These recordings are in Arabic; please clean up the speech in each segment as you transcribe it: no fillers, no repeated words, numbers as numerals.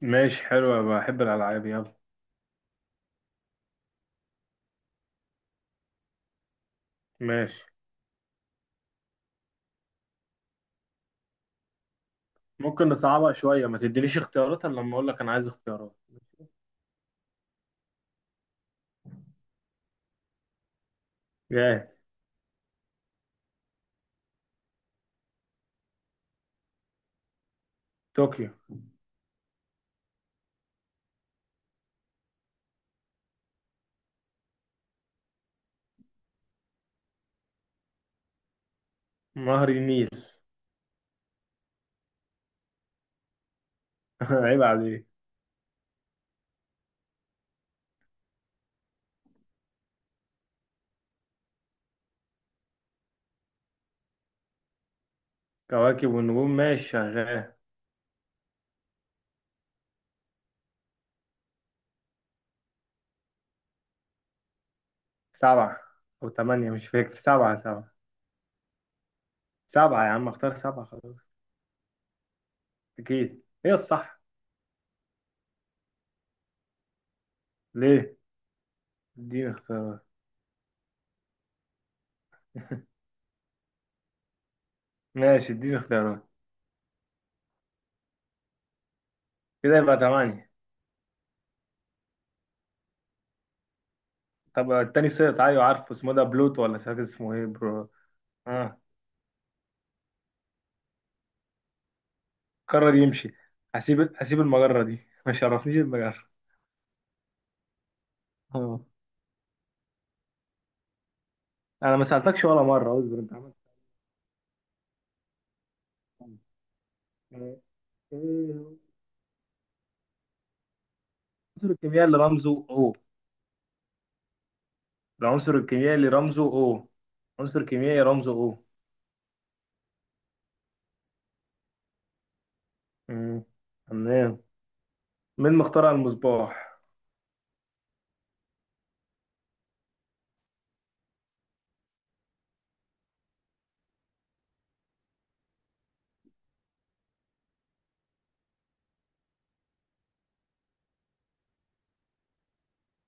ماشي، حلو، بحب الألعاب. يلا. ماشي، ممكن نصعبها شوية، ما تدينيش اختيارات إلا لما أقول لك أنا عايز اختيارات. جاهز. طوكيو. نهر النيل. عيب عليك. كواكب والنجوم، ماشي شغال. سبعة. أو تمانية، مش فاكر. سبعة. سبعة يا عم، اختار سبعة خلاص. أكيد هي الصح. ليه؟ اديني اختيارات. ماشي، اديني اختيارات. كده يبقى تمانية. طب التاني سقط. أيوة عارفه اسمه، ده بلوتو، ولا مش فاكر اسمه ايه. برو. اه. قرر يمشي. هسيب المجرة دي. ما شرفنيش المجرة. اه. انا ما سألتكش ولا مرة، اصبر. انت عملت آه، ايه؟ العنصر الكيميائي اللي رمزه او. العنصر الكيميائي اللي رمزه او. عنصر كيميائي رمزه او. مم، تمام. مين مخترع المصباح؟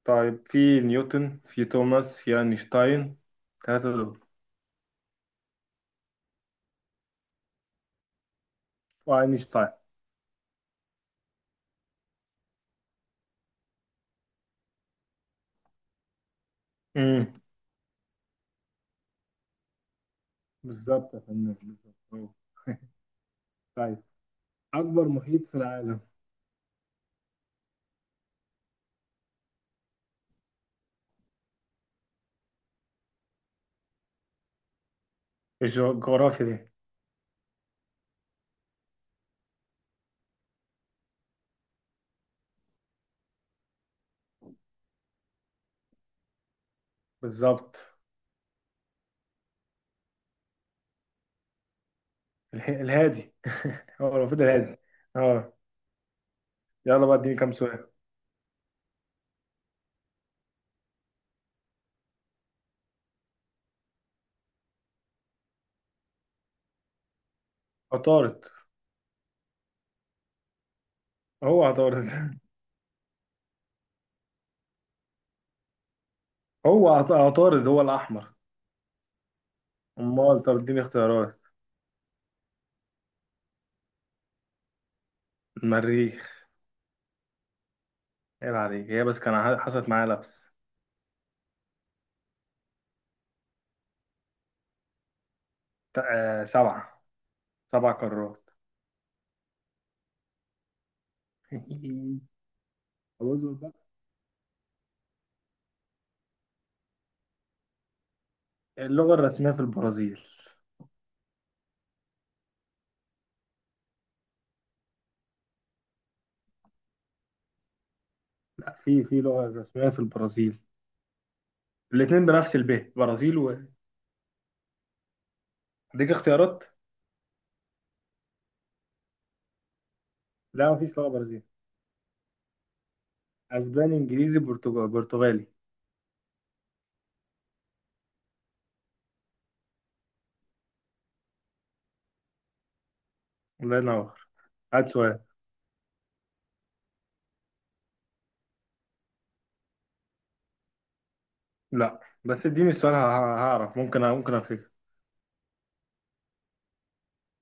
طيب، في نيوتن، في توماس، في اينشتاين. ثلاثة دول. واينشتاين. امم بالظبط يا فنان، بالظبط أهو. طيب. اكبر محيط في العالم. الجغرافيا دي. بالظبط. الهادي. هو المفروض الهادي. اه. يلا بقى، اديني كام سؤال. عطارد. هو عطارد. هو عطارد هو الأحمر. أمال؟ طب اديني اختيارات. المريخ. عيب عليك، هي بس كان حصلت معايا لبس. سبعة. سبع قارات. أعوذ بقى. اللغة الرسمية في البرازيل؟ لا، في لغة رسمية في البرازيل. الاتنين بنفس برازيل و. اديك اختيارات. لا مفيش لغة برازيل. أسباني، إنجليزي، برتغالي، برتغالي. الله ينور. هات سؤال. لا، بس اديني السؤال، هعرف. ممكن افتكر.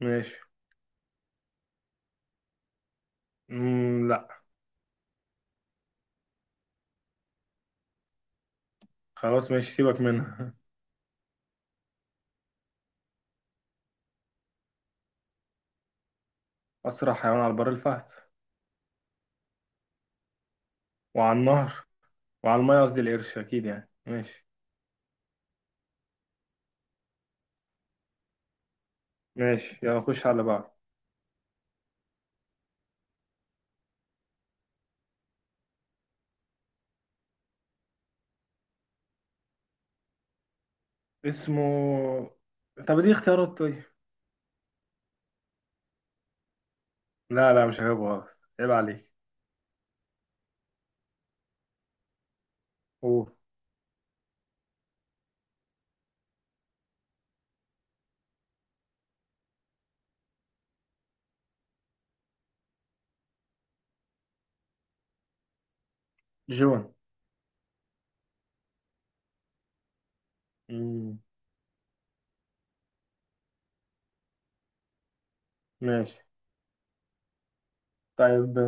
ماشي. مم، لا. خلاص، ماشي، سيبك منها. اسرع حيوان على البر الفهد. وعلى النهر. وعلى الميه، قصدي، القرش اكيد يعني. ماشي. ماشي، يلا نخش على اللي بعده. اسمه. طب دي اختيارات، طيب. لا لا، مش هجيبه غلط، عيب عليك. قول. جون. مم. ماشي. طيب.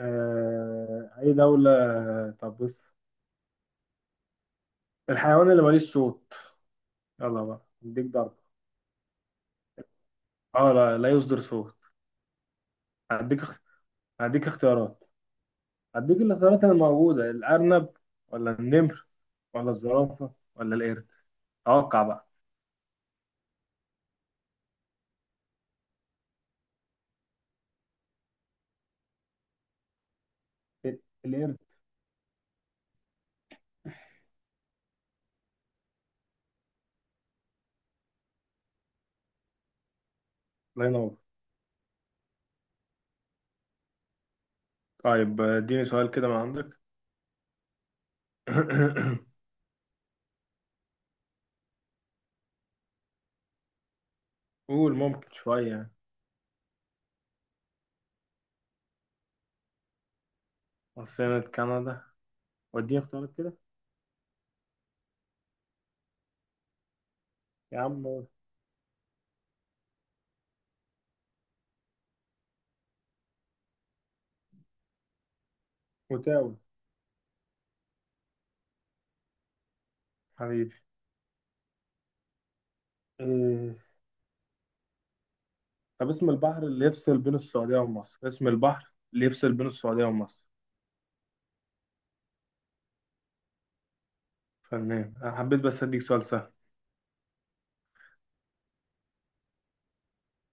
اي دولة. طب بص. الحيوان اللي ماليش صوت. يلا بقى، اديك ضربة. اه، لا، لا يصدر صوت. هديك هديك اختيارات. هديك الاختيارات اللي موجودة: الأرنب، ولا النمر، ولا الزرافة، ولا القرد. توقع بقى. القرد. الله ينور. طيب، اديني سؤال كده من عندك. قول، ممكن شوية يعني. عاصمة كندا. واديني اختيارات كده. يا عم. اوتاوا. حبيبي. إيه. طب اسم البحر اللي يفصل بين السعودية ومصر، اسم البحر اللي يفصل بين السعودية ومصر؟ فنان. أنا حبيت بس أديك سؤال سهل.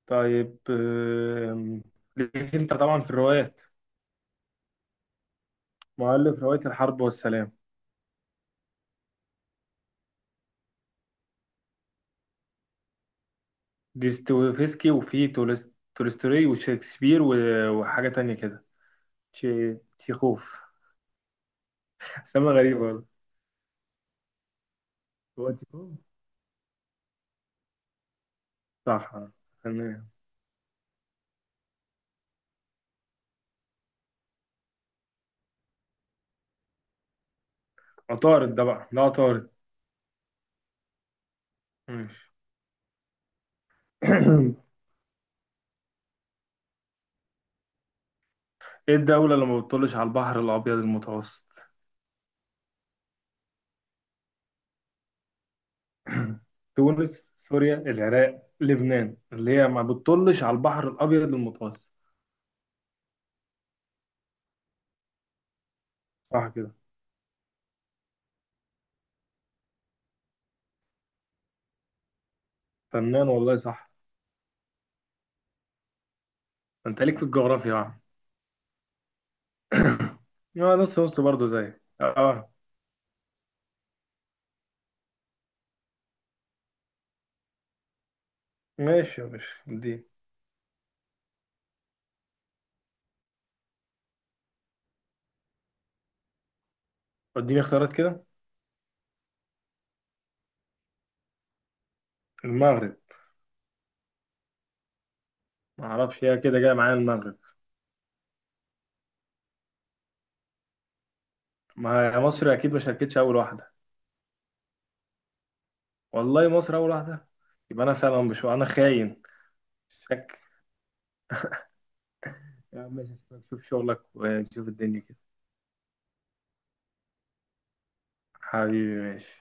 طيب. ليك أنت طبعا في الروايات. مؤلف رواية الحرب والسلام. ديستويفسكي، وفي تولستوي، وشكسبير، وحاجة تانية كده. تشيخوف. سما غريبة والله. هو تيكون. صح، آه. تمام. عطارد، ده بقى، ده عطارد. ماشي. ايه الدولة اللي ما بتطلش على البحر الأبيض المتوسط؟ تونس، سوريا، العراق، لبنان، اللي هي ما بتطلش على البحر الأبيض المتوسط. صح كده. فنان، والله صح. انت ليك في الجغرافيا. يا عم. اه، نص نص، برضه زي. اه، آه. ماشي يا باشا، اديني. اديني اختيارات كده. المغرب. ما اعرفش، هي كده جايه معايا المغرب. ما هي مصر اكيد ما شاركتش اول واحده. والله مصر اول واحده. يبقى انا فعلا، مش، انا خاين. شك. يا عم ماشي. شوف شغلك ونشوف الدنيا كده. حبيبي ماشي.